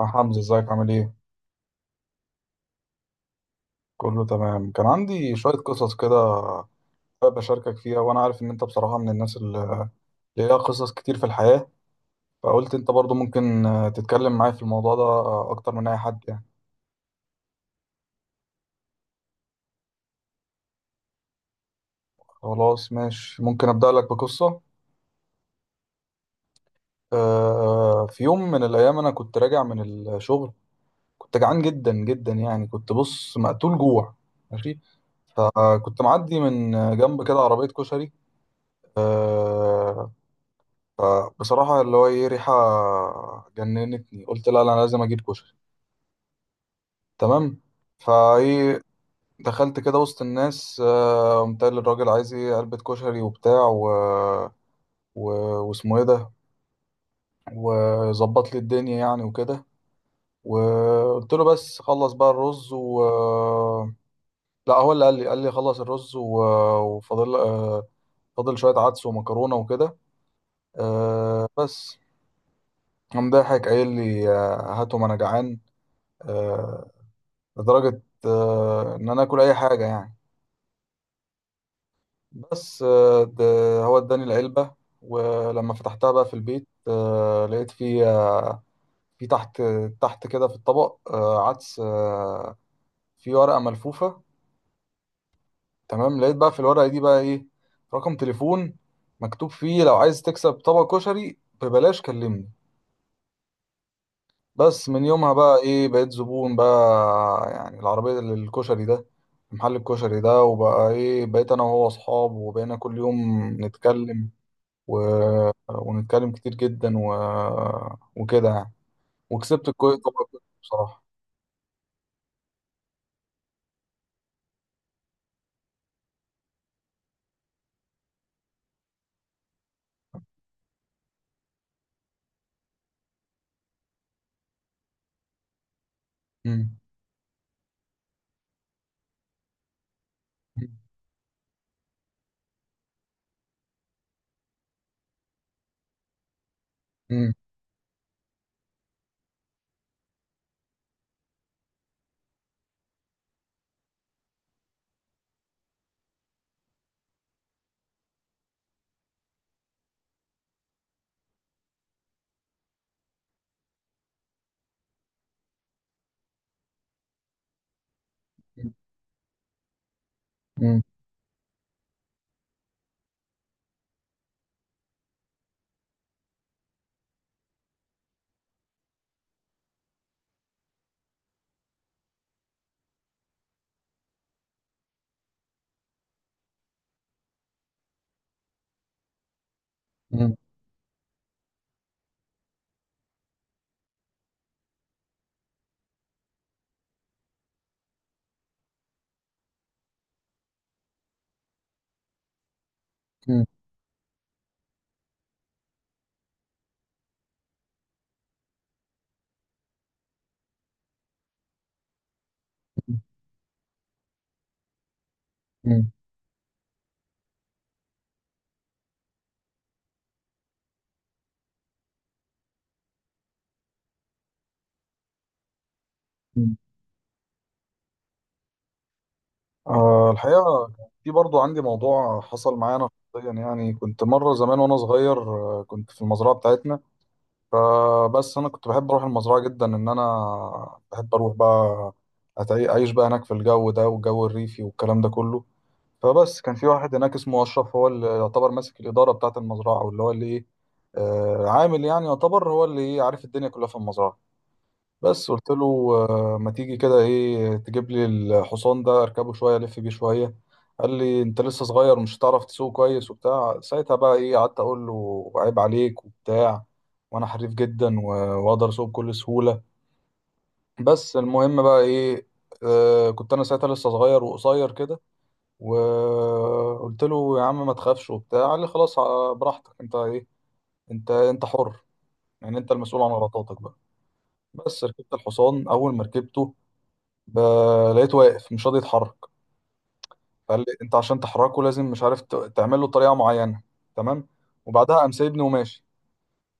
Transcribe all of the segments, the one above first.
يا حمزة، ازيك عامل ايه؟ كله تمام. كان عندي شوية قصص كده، حابب أشاركك فيها، وأنا عارف إن أنت بصراحة من الناس اللي ليها قصص كتير في الحياة. فقلت أنت برضو ممكن تتكلم معايا في الموضوع ده أكتر من أي حد يعني. خلاص ماشي، ممكن أبدأ لك بقصة. آه، في يوم من الأيام أنا كنت راجع من الشغل، كنت جعان جدا جدا، يعني كنت بص مقتول جوع، ماشي. فكنت معدي من جنب كده عربية كشري. آه، فبصراحة اللي هو ايه، ريحة جننتني. قلت لا لا، انا لازم اجيب كشري، تمام. فايه، دخلت كده وسط الناس. قمت قايل للراجل عايز ايه، علبة كشري وبتاع، و... واسمه ايه ده، وظبط لي الدنيا يعني وكده. وقلت له بس خلص بقى الرز، و لا هو اللي قال لي خلص الرز وفاضل، فاضل شوية عدس ومكرونة وكده، بس. قام ضاحك قايل لي هاتهم انا جعان، آه، لدرجة إن أنا آكل أي حاجة يعني. بس ده هو إداني العلبة. ولما فتحتها بقى في البيت، لقيت في في تحت، تحت كده في الطبق، عدس، في ورقة ملفوفة. تمام، لقيت بقى في الورقة دي بقى إيه، رقم تليفون مكتوب فيه: لو عايز تكسب طبق كشري ببلاش كلمني. بس من يومها بقى ايه، بقيت زبون بقى يعني العربية الكشري ده، محل الكشري ده. وبقى ايه، بقيت انا وهو اصحاب، وبقينا كل يوم نتكلم، و... ونتكلم كتير جدا، وكده يعني. وكسبت الكويت طبعا، بصراحة. مم. مم. مم. مم. مم. مم. مم. آه، الحقيقة في برضو عندي موضوع حصل معايا أنا شخصيا. يعني كنت مرة زمان وأنا صغير، كنت في المزرعة بتاعتنا. فبس انا كنت بحب اروح المزرعه جدا، ان انا بحب اروح بقى اعيش بقى هناك في الجو ده، والجو الريفي والكلام ده كله. فبس كان في واحد هناك اسمه اشرف، هو اللي يعتبر ماسك الاداره بتاعه المزرعه، واللي هو اللي ايه، عامل يعني، يعتبر هو اللي عارف الدنيا كلها في المزرعه. بس قلت له ما تيجي كده ايه، تجيب لي الحصان ده اركبه شويه، الف بيه شويه. قال لي انت لسه صغير مش هتعرف تسوق كويس وبتاع. ساعتها بقى ايه، قعدت اقول له عيب عليك وبتاع، وانا حريف جدا واقدر اسوق بكل سهوله. بس المهم بقى ايه، آه كنت انا ساعتها لسه صغير وقصير كده. وقلت له يا عم ما تخافش وبتاع. قال لي خلاص براحتك، انت ايه، انت انت حر، يعني انت المسؤول عن غلطاتك بقى. بس ركبت الحصان، اول ما ركبته ب- لقيته واقف مش راضي يتحرك. فقال لي انت عشان تحركه لازم مش عارف تعمل له طريقه معينه، تمام. وبعدها قام سايبني وماشي.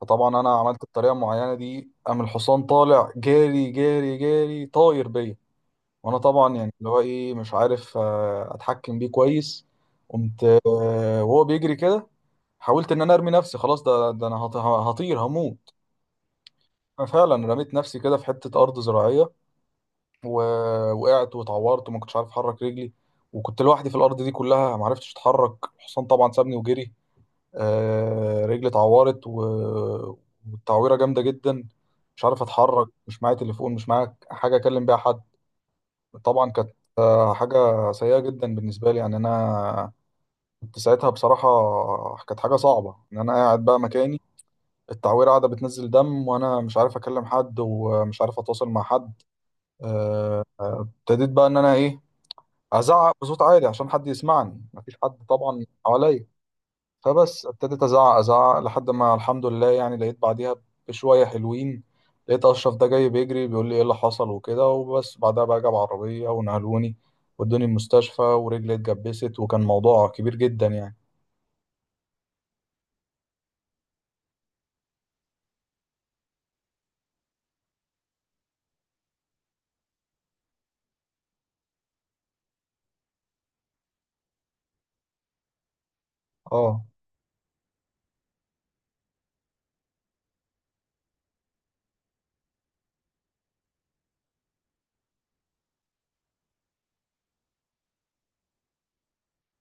فطبعا انا عملت الطريقه المعينه دي، قام الحصان طالع جاري جاري جاري، طاير بيا. وانا طبعا يعني اللي هو ايه، مش عارف اتحكم بيه كويس. قمت وهو بيجري كده. حاولت ان انا ارمي نفسي، خلاص ده انا هطير هموت. فعلا رميت نفسي كده في حته ارض زراعيه، ووقعت واتعورت، وما كنتش عارف احرك رجلي. وكنت لوحدي في الارض دي كلها، ما عرفتش اتحرك. الحصان طبعا سابني وجري. آه، رجلي اتعورت والتعويره جامده جدا، مش عارف اتحرك، مش معايا تليفون، مش معايا حاجه اكلم بيها حد. طبعا كانت حاجه سيئه جدا بالنسبه لي. يعني انا كنت ساعتها بصراحه، كانت حاجه صعبه ان انا قاعد بقى مكاني، التعويره قاعده بتنزل دم، وانا مش عارف اكلم حد ومش عارف اتواصل مع حد. آه، ابتديت بقى ان انا ايه، ازعق بصوت عالي عشان حد يسمعني، مفيش حد طبعا حواليا. فبس ابتديت ازعق ازعق لحد ما الحمد لله، يعني لقيت بعديها بشويه حلوين، لقيت اشرف ده جاي بيجري بيقول لي ايه اللي حصل وكده. وبس بعدها بقى جاب عربيه ونقلوني ودوني المستشفى، ورجلي اتجبست، وكان موضوع كبير جدا يعني. اه.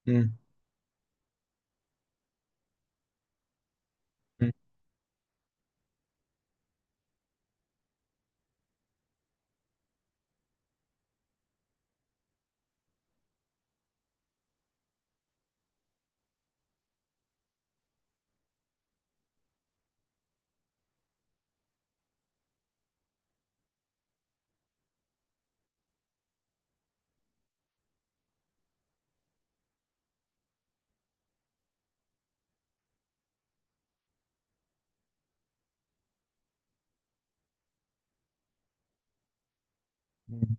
مم. مم. مم.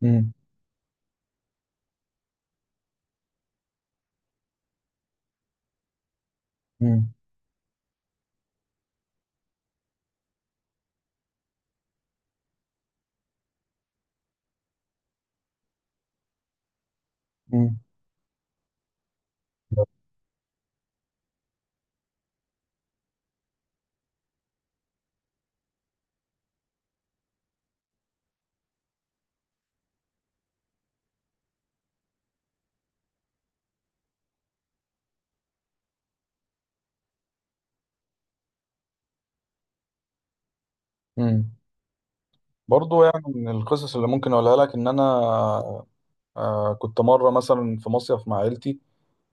مم. مم. مم. مم. برضو يعني من القصص اللي ممكن اقولها لك ان انا آه كنت مره مثلا في مصيف مع عيلتي.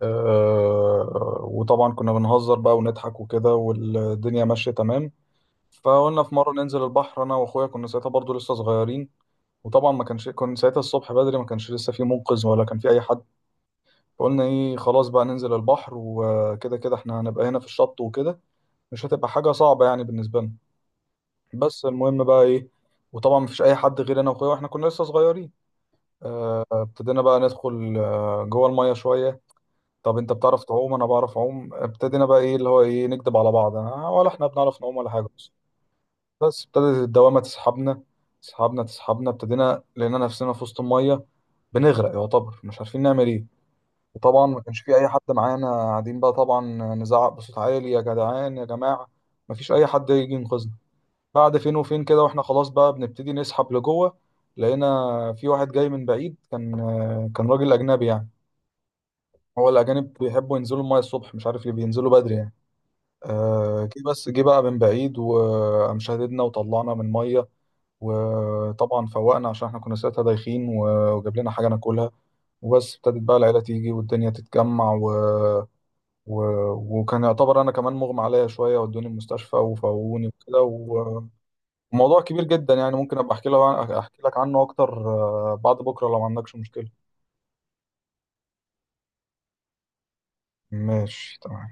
وطبعا كنا بنهزر بقى ونضحك وكده والدنيا ماشية تمام. فقلنا في مرة ننزل البحر أنا وأخويا، كنا ساعتها برضو لسه صغيرين. وطبعا ما كانش كنا ساعتها الصبح بدري، ما كانش لسه في منقذ ولا كان في أي حد. فقلنا إيه، خلاص بقى ننزل البحر، وكده كده إحنا هنبقى هنا في الشط وكده، مش هتبقى حاجة صعبة يعني بالنسبة لنا. بس المهم بقى إيه، وطبعا مفيش أي حد غير أنا وأخويا وإحنا كنا لسه صغيرين. آه، ابتدينا بقى ندخل جوه المية شوية. طب انت بتعرف تعوم، انا بعرف اعوم. ابتدينا بقى ايه اللي هو ايه، نكدب على بعض انا ولا احنا بنعرف نعوم ولا حاجه، بس. بس ابتدت الدوامه تسحبنا، تسحبنا تسحبنا. ابتدينا لقينا نفسنا في وسط الميه بنغرق يعتبر، مش عارفين نعمل ايه. وطبعا ما كانش في اي حد معانا. قاعدين بقى طبعا نزعق بصوت عالي، يا جدعان يا جماعه، ما فيش اي حد يجي ينقذنا. بعد فين وفين كده، واحنا خلاص بقى بنبتدي نسحب لجوه، لقينا في واحد جاي من بعيد، كان راجل اجنبي يعني. هو الأجانب بيحبوا ينزلوا الماية الصبح، مش عارف ليه بينزلوا بدري يعني. آه جه، بس جه بقى من بعيد، وقام شاددنا وطلعنا من مية. وطبعا فوقنا عشان احنا كنا ساعتها دايخين، وجاب لنا حاجة ناكلها. وبس ابتدت بقى العيلة تيجي والدنيا تتجمع و... وكان يعتبر أنا كمان مغمى عليا شوية، ودوني المستشفى وفوقوني وكده وموضوع كبير جدا يعني. ممكن أبقى أحكي لك، أحكي لك عنه أكتر بعد بكرة لو ما عندكش مشكلة. ماشي تمام.